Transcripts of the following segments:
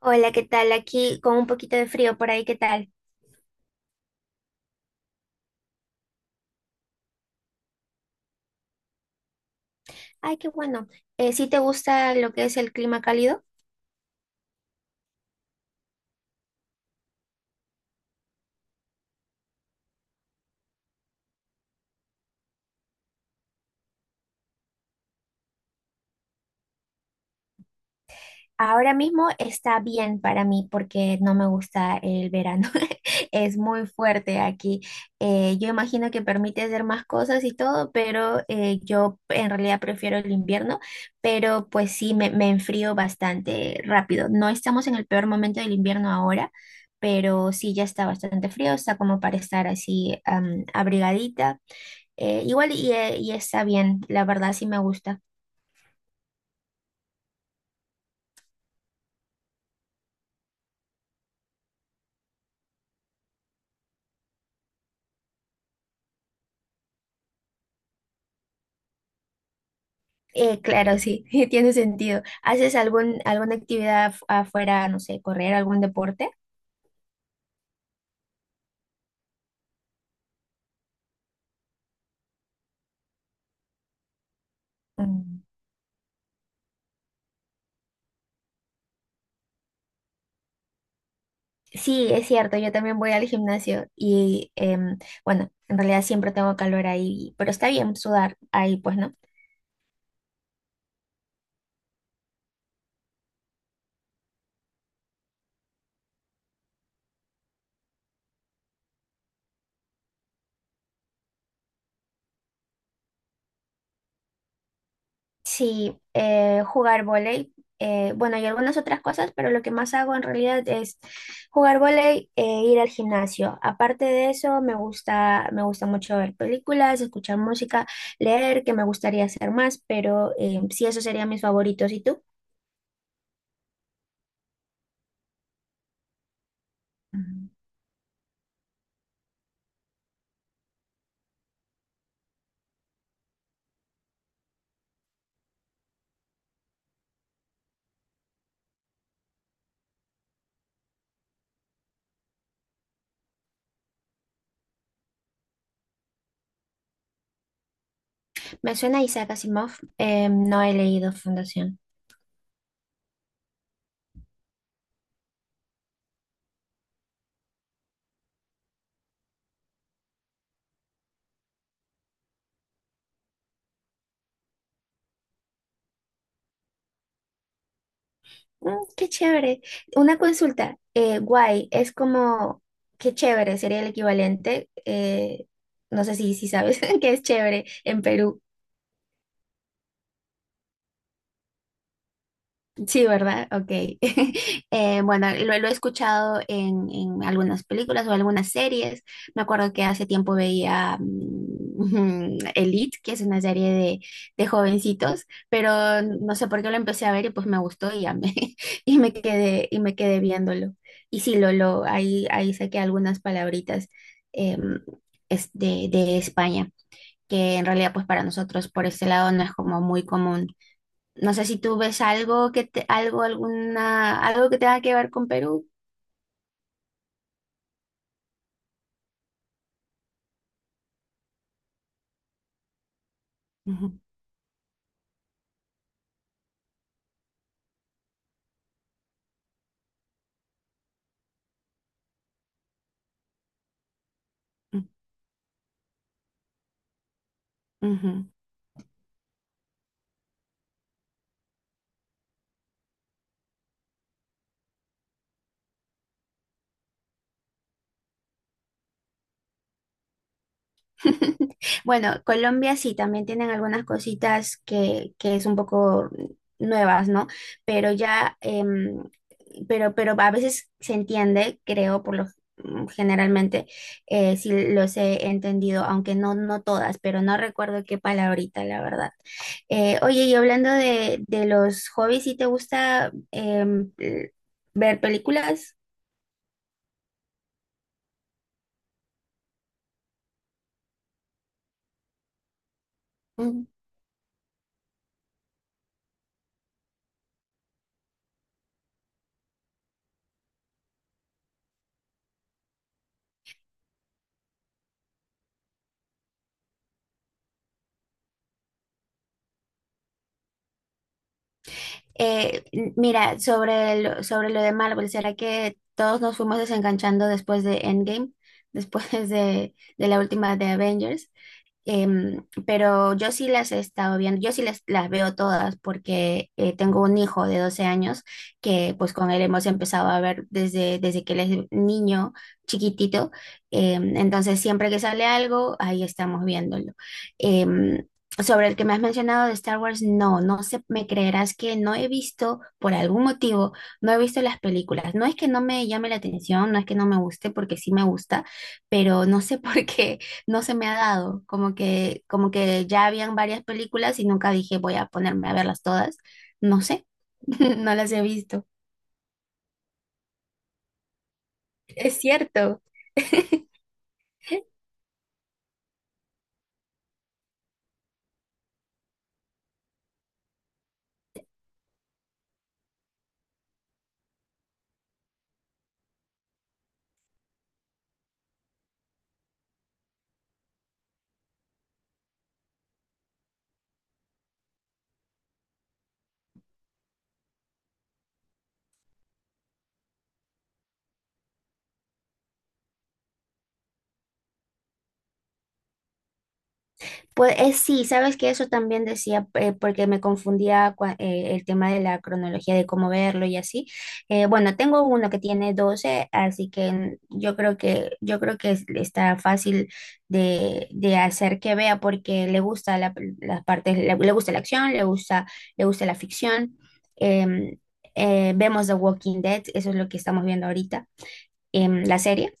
Hola, ¿qué tal? Aquí con un poquito de frío por ahí, ¿qué tal? Ay, qué bueno. ¿Sí te gusta lo que es el clima cálido? Ahora mismo está bien para mí porque no me gusta el verano. Es muy fuerte aquí. Yo imagino que permite hacer más cosas y todo, pero yo en realidad prefiero el invierno, pero pues sí, me enfrío bastante rápido. No estamos en el peor momento del invierno ahora, pero sí, ya está bastante frío, está como para estar así abrigadita. Igual y está bien, la verdad sí me gusta. Claro, sí, tiene sentido. ¿Haces alguna actividad afuera, no sé, correr algún deporte? Mm, sí, es cierto, yo también voy al gimnasio y bueno, en realidad siempre tengo calor ahí, pero está bien sudar ahí, pues, ¿no? Sí, jugar vóley. Bueno, y algunas otras cosas, pero lo que más hago en realidad es jugar vóley e ir al gimnasio. Aparte de eso, me gusta mucho ver películas, escuchar música, leer, que me gustaría hacer más, pero sí, esos serían mis favoritos. ¿Y tú? Mm. Me suena Isaac Asimov. No he leído Fundación. Mm, qué chévere. Una consulta, guay, es como, qué chévere, sería el equivalente, no sé si sabes qué es chévere en Perú. Sí, ¿verdad? Ok. Bueno, lo he escuchado en algunas películas o algunas series. Me acuerdo que hace tiempo veía Elite, que es una serie de jovencitos, pero no sé por qué lo empecé a ver y pues me gustó y ya y me quedé viéndolo. Y sí, ahí saqué algunas palabritas, em, es de España, que en realidad pues para nosotros por este lado no es como muy común. No sé si tú ves algo que te, algo, alguna, algo que tenga que ver con Perú. Ujú, ujú, ujú. Bueno, Colombia sí, también tienen algunas cositas que es un poco nuevas, ¿no? Pero ya, pero a veces se entiende, creo, por lo generalmente, sí los he entendido, aunque no, no todas, pero no recuerdo qué palabrita, la verdad. Oye, y hablando de los hobbies, ¿sí te gusta ver películas? Eh, mira, sobre lo de Marvel, ¿será que todos nos fuimos desenganchando después de Endgame, después de la última de Avengers? Pero yo sí las he estado viendo, yo sí las veo todas porque tengo un hijo de 12 años que pues con él hemos empezado a ver desde que él es niño chiquitito. Entonces siempre que sale algo, ahí estamos viéndolo. Em, sobre el que me has mencionado de Star Wars, no, no sé, me creerás que no he visto, por algún motivo, no he visto las películas. No es que no me llame la atención, no es que no me guste, porque sí me gusta, pero no sé por qué no se me ha dado, como que ya habían varias películas y nunca dije voy a ponerme a verlas todas. No sé, no las he visto. Es cierto. Pues sí, sabes que eso también decía, porque me confundía el tema de la cronología de cómo verlo y así. Bueno, tengo uno que tiene 12, así que yo creo que está fácil de hacer que vea porque le gusta las partes, le gusta la acción, le gusta la ficción. Em, vemos The Walking Dead, eso es lo que estamos viendo ahorita, en la serie.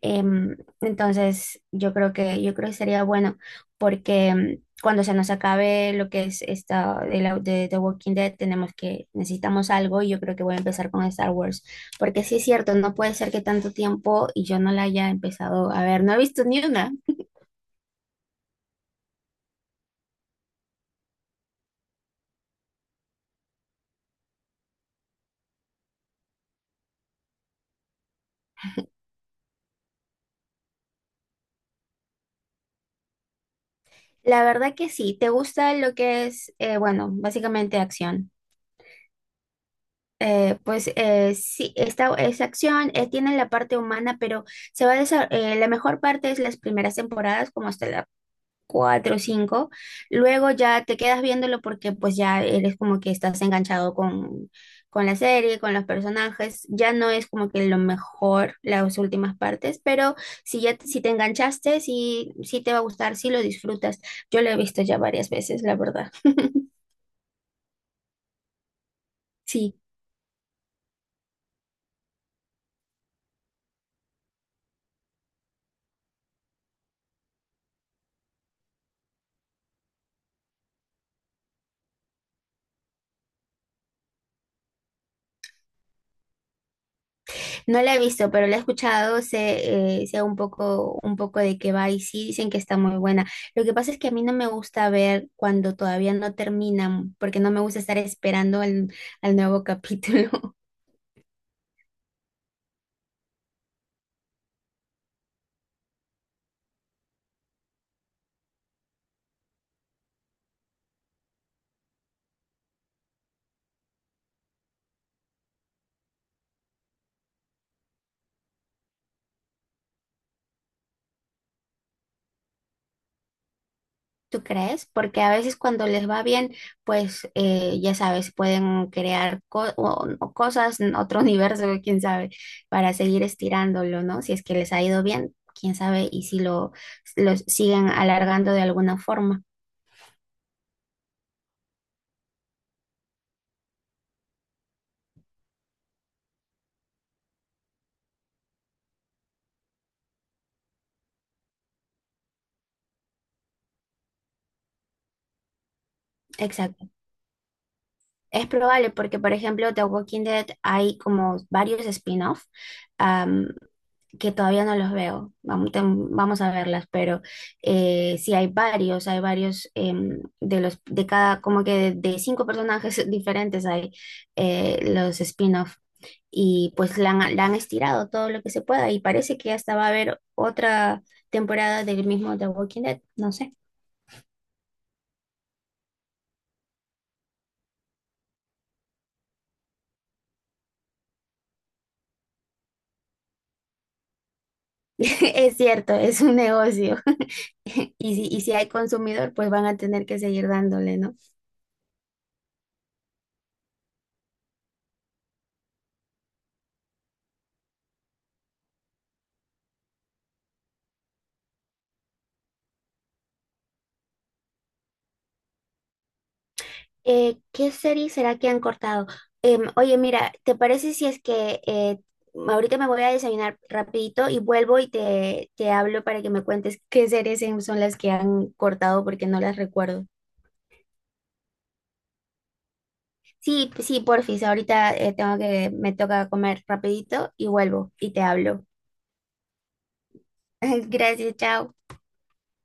Entonces, yo creo que sería bueno porque cuando se nos acabe lo que es esta de The Walking Dead, necesitamos algo y yo creo que voy a empezar con Star Wars, porque sí es cierto, no puede ser que tanto tiempo y yo no la haya empezado a ver, no he visto ni una. La verdad que sí, ¿te gusta lo que es, bueno, básicamente acción? Pues sí, esta es acción, tiene la parte humana, pero se va a desa- la mejor parte es las primeras temporadas, como hasta la cuatro, cinco. Luego ya te quedas viéndolo porque pues ya eres como que estás enganchado con la serie, con los personajes. Ya no es como que lo mejor las últimas partes, pero si te enganchaste, sí, sí te va a gustar, sí lo disfrutas. Yo lo he visto ya varias veces, la verdad. Sí. No la he visto, pero la he escuchado, sé un poco de qué va y sí dicen que está muy buena. Lo que pasa es que a mí no me gusta ver cuando todavía no terminan, porque no me gusta estar esperando al nuevo capítulo. ¿Tú crees? Porque a veces cuando les va bien, pues ya sabes, pueden crear o cosas en otro universo, quién sabe, para seguir estirándolo, ¿no? Si es que les ha ido bien, quién sabe, y si lo siguen alargando de alguna forma. Exacto. Es probable porque, por ejemplo, The Walking Dead hay como varios spin-off, am, que todavía no los veo. Vamos, vamos a verlas, pero sí hay varios de los de cada como que de cinco personajes diferentes hay los spin-off y pues la han estirado todo lo que se pueda y parece que hasta va a haber otra temporada del mismo The Walking Dead. No sé. Es cierto, es un negocio. Y si hay consumidor, pues van a tener que seguir dándole, ¿no? ¿Qué serie será que han cortado? Oye, mira, ¿te parece si es que ahorita me voy a desayunar rapidito y vuelvo y te hablo para que me cuentes qué series son las que han cortado porque no las recuerdo? Sí, sí, porfis, ahorita me toca comer rapidito y vuelvo y te hablo. Gracias, chao.